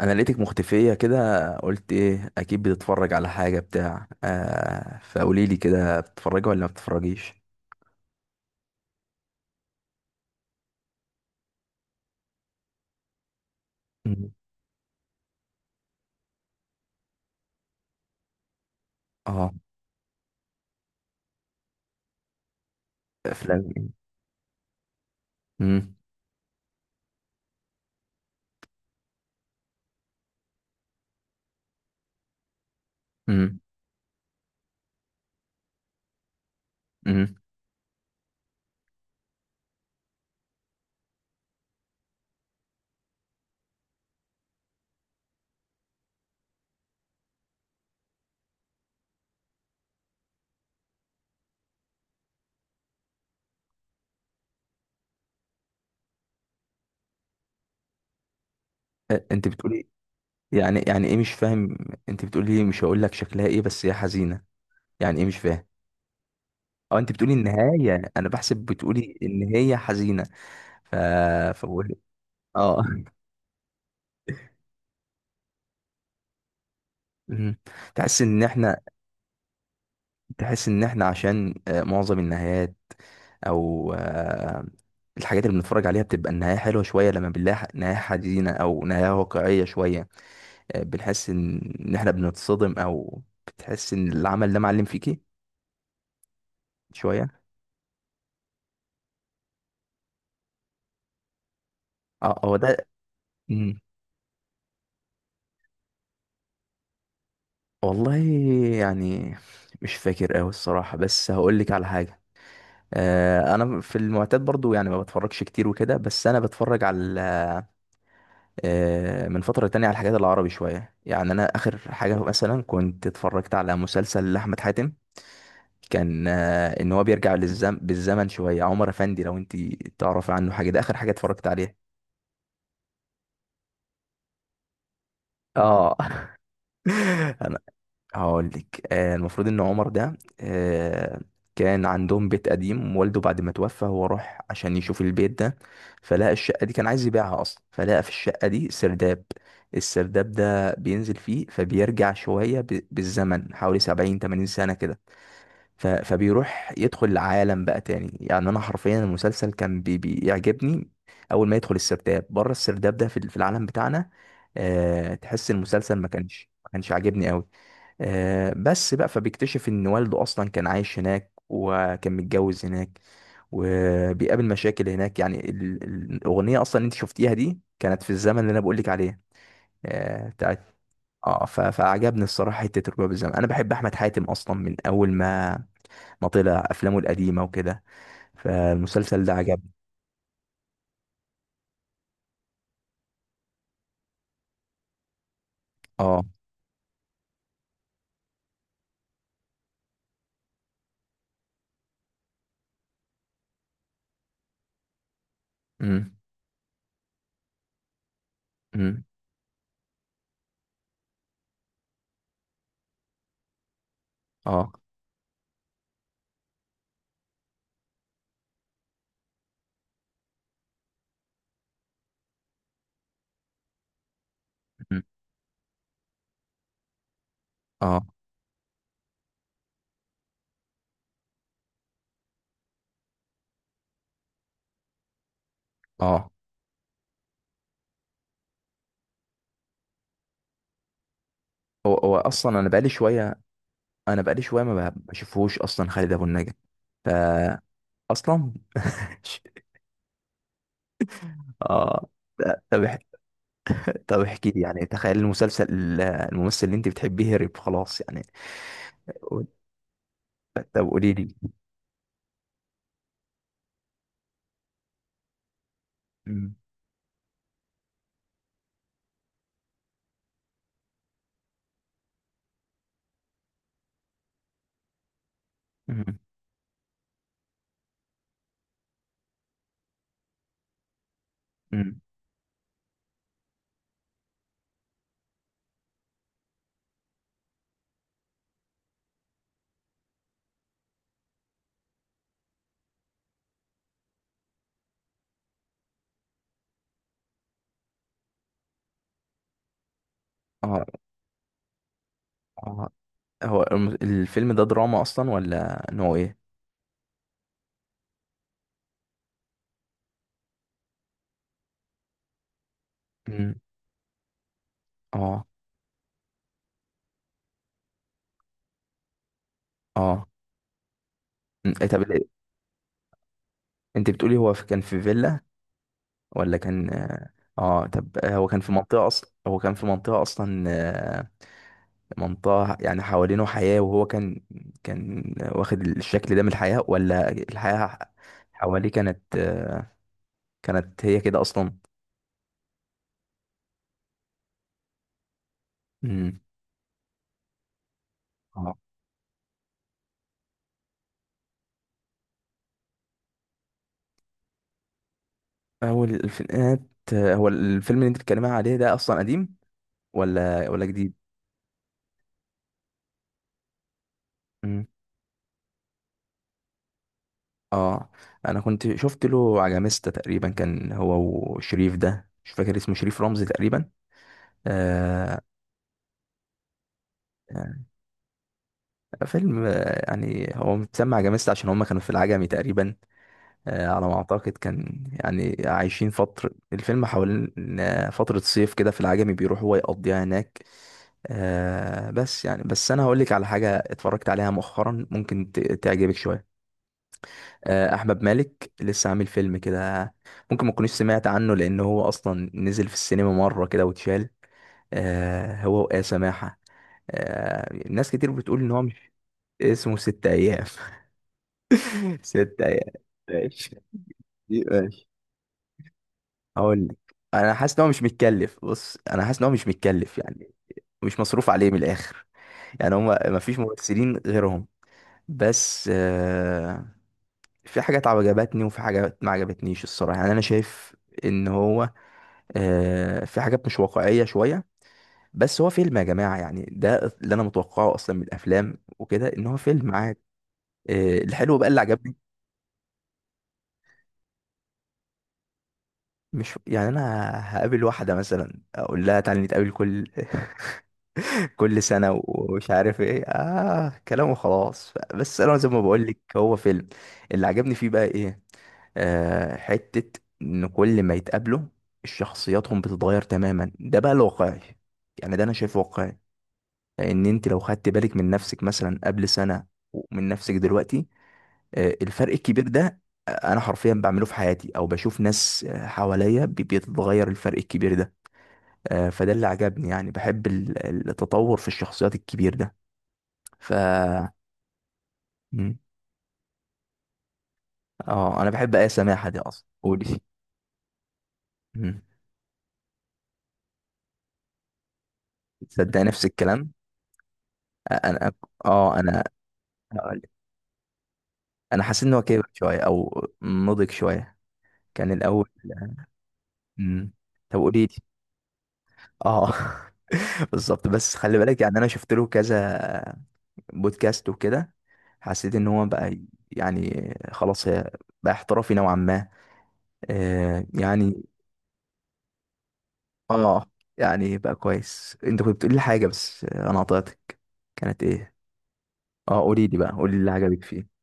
انا لقيتك مختفيه كده. قلت ايه، اكيد بتتفرج على حاجه، بتاع فقولي لي كده، بتتفرجي ولا ما بتتفرجيش؟ مم. اه. افلام. امم. امم. امم انت بتقولي. يعني ايه؟ مش فاهم. انت بتقولي مش هقول لك شكلها ايه بس هي حزينه. يعني ايه؟ مش فاهم. اه، انت بتقولي النهايه، انا بحسب بتقولي ان هي حزينه. ف فبقول اه. مم. تحس ان احنا تحس ان احنا عشان معظم النهايات، او الحاجات اللي بنتفرج عليها بتبقى النهاية حلوة شوية، لما بنلاقي نهاية حزينة او نهاية واقعية شوية، بنحس ان احنا بنتصدم او بتحس ان العمل ده معلم فيكي شوية. اه، هو ده. مم. والله يعني مش فاكر اوي الصراحة، بس هقول لك على حاجة. انا في المعتاد برضو يعني ما بتفرجش كتير وكده، بس انا بتفرج على من فترة تانية على الحاجات العربي شوية. يعني أنا آخر حاجة مثلا كنت اتفرجت على مسلسل لأحمد حاتم، كان إن هو بيرجع بالزمن شوية. عمر أفندي، لو أنت تعرف عنه حاجة، ده آخر حاجة اتفرجت عليها. اه. أنا هقول لك، المفروض ان عمر ده آه، كان عندهم بيت قديم، والده بعد ما توفى هو راح عشان يشوف البيت ده، فلقى الشقة دي كان عايز يبيعها اصلا، فلقى في الشقة دي سرداب. السرداب ده بينزل فيه، فبيرجع شوية بالزمن، حوالي 70 80 سنة كده. فبيروح يدخل العالم بقى تاني. يعني انا حرفيا المسلسل كان بيعجبني. اول ما يدخل السرداب، بره السرداب ده في، في العالم بتاعنا، تحس المسلسل ما كانش عاجبني قوي. بس بقى، فبيكتشف ان والده اصلا كان عايش هناك وكان متجوز هناك، وبيقابل مشاكل هناك. يعني الاغنيه اصلا اللي انت شفتيها دي كانت في الزمن اللي انا بقولك عليه، بتاعت. اه، فعجبني الصراحه، حته الرباب الزمن. انا بحب احمد حاتم اصلا من اول ما مطلة افلامه القديمه وكده، فالمسلسل ده عجبني. اه. امم. امم. اه. أمم. اه. اه. هو اصلا انا بقالي شويه، انا بقالي شويه ما ب- بشوفهوش اصلا خالد ابو النجا. فا اصلا. اه. لا، طب احكي لي يعني، تخيل المسلسل، الممثل اللي انت بتحبيه هرب خلاص يعني. طب قولي لي. أمم. أمم. أمم. اه. اه. هو الفيلم ده دراما اصلا ولا نوع ايه؟ أمم. اه. اه. أمم، إيه طب. انت بتقولي هو كان في فيلا ولا كان؟ اه، طب هو كان في منطقة اصلا، هو كان في منطقة اصلا، منطقة يعني حوالينه حياة وهو كان، كان واخد الشكل ده من الحياة ولا الحياة حواليه كانت، كانت هي كده اصلا. امم. اه، هو الفينات. هو الفيلم اللي انت بتتكلمي عليه ده اصلا قديم ولا ولا جديد؟ امم. اه. انا كنت شفت له عجميستا تقريبا، كان هو وشريف، ده مش فاكر اسمه، شريف رمزي تقريبا. آه. آه، فيلم، يعني هو متسمى عجميست عشان هم كانوا في العجمي تقريبا. آه، على ما أعتقد كان، يعني عايشين فترة الفيلم حوالين فترة صيف كده في العجمي، بيروح هو يقضيها هناك. بس يعني، بس أنا هقولك على حاجة اتفرجت عليها مؤخرا، ممكن تعجبك شوية. أحمد مالك لسه عامل فيلم كده، ممكن ما تكونيش سمعت عنه لأن هو أصلا نزل في السينما مرة كده واتشال. آه، هو وآية سماحة. آه، ناس كتير بتقول إن هو مش. اسمه ست ايام. ست ايام. ماشي. دي ماشي. هقول لك، انا حاسس ان هو مش متكلف. بص انا حاسس ان هو مش متكلف يعني، مش مصروف عليه من الاخر. يعني هم ما فيش ممثلين غيرهم. بس في حاجات عجبتني وفي حاجات ما عجبتنيش الصراحه. يعني انا شايف ان هو في حاجات مش واقعيه شويه، بس هو فيلم يا جماعه. يعني ده اللي انا متوقعه اصلا من الافلام وكده، ان هو فيلم عادي. الحلو بقى اللي عجبني، مش يعني انا هقابل واحده مثلا اقول لها تعالي نتقابل كل كل سنه ومش عارف ايه، اه كلام وخلاص، بس انا زي ما بقول لك هو فيلم. اللي عجبني فيه بقى ايه، حته ان كل ما يتقابلوا شخصياتهم بتتغير تماما، ده بقى الواقعي، يعني ده انا شايفه واقعي. لان انت لو خدت بالك من نفسك مثلا قبل سنه، ومن نفسك دلوقتي، الفرق الكبير ده، انا حرفيا بعمله في حياتي، او بشوف ناس حواليا بيتغير الفرق الكبير ده. فده اللي عجبني، يعني بحب التطور في الشخصيات الكبير ده. ف مم. اه انا بحب ايه سماحه دي اصلا، قولي. مم. تصدق نفس الكلام. انا اه انا هقولك. انا حاسس ان هو كبر شويه او نضج شويه كان الاول. مم. طب قولي. اه. بالظبط. بس خلي بالك، يعني انا شفت له كذا بودكاست وكده، حسيت ان هو بقى يعني خلاص هي، بقى احترافي نوعا ما. يعني اه يعني بقى كويس. انت كنت بتقول لي حاجه بس انا قطعتك، كانت ايه؟ اه، قولي لي بقى، قولي لي اللي عجبك فيه.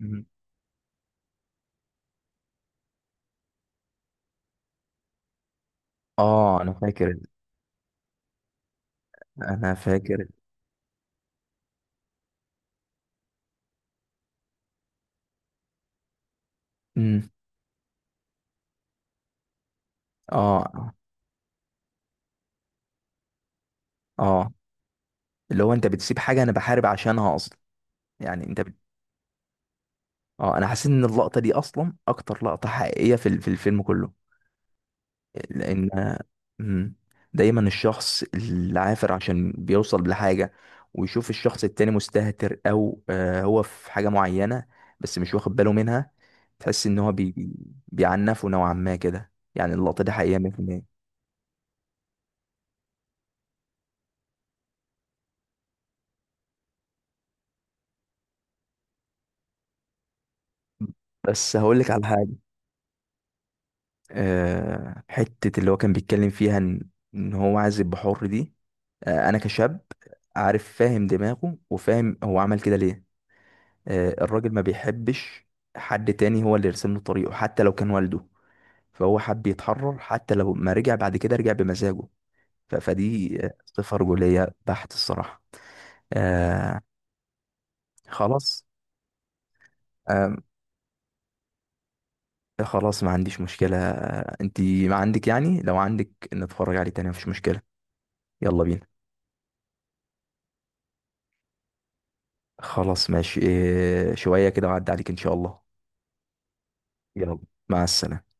مم. اه انا فاكر، انا فاكر. امم. اه. اه. اللي هو انت بتسيب حاجه انا بحارب عشانها اصلا، يعني انت. اه، انا حسيت ان اللقطه دي اصلا اكتر لقطه حقيقيه في في الفيلم كله. لان مم، دايما الشخص العافر عشان بيوصل لحاجه، ويشوف الشخص التاني مستهتر او هو في حاجه معينه بس مش واخد باله منها، تحس ان هو بيعنفه نوعا ما كده. يعني اللقطه دي حقيقيه 100%. بس هقول لك على حاجه، حته اللي هو كان بيتكلم فيها ان هو عايز يبقى حر دي، انا كشاب عارف فاهم دماغه وفاهم هو عمل كده ليه. الراجل ما بيحبش حد تاني هو اللي يرسم له طريقه حتى لو كان والده، فهو حب يتحرر، حتى لو ما رجع بعد كده رجع بمزاجه. فدي صفة رجولية بحت الصراحة. آه. خلاص. آه خلاص ما عنديش مشكلة، آه انتي ما عندك، يعني لو عندك نتفرج عليه تاني مفيش مشكلة، يلا بينا. خلاص ماشي، شوية كده وعد عليك ان شاء الله. يلا، مع السلامة.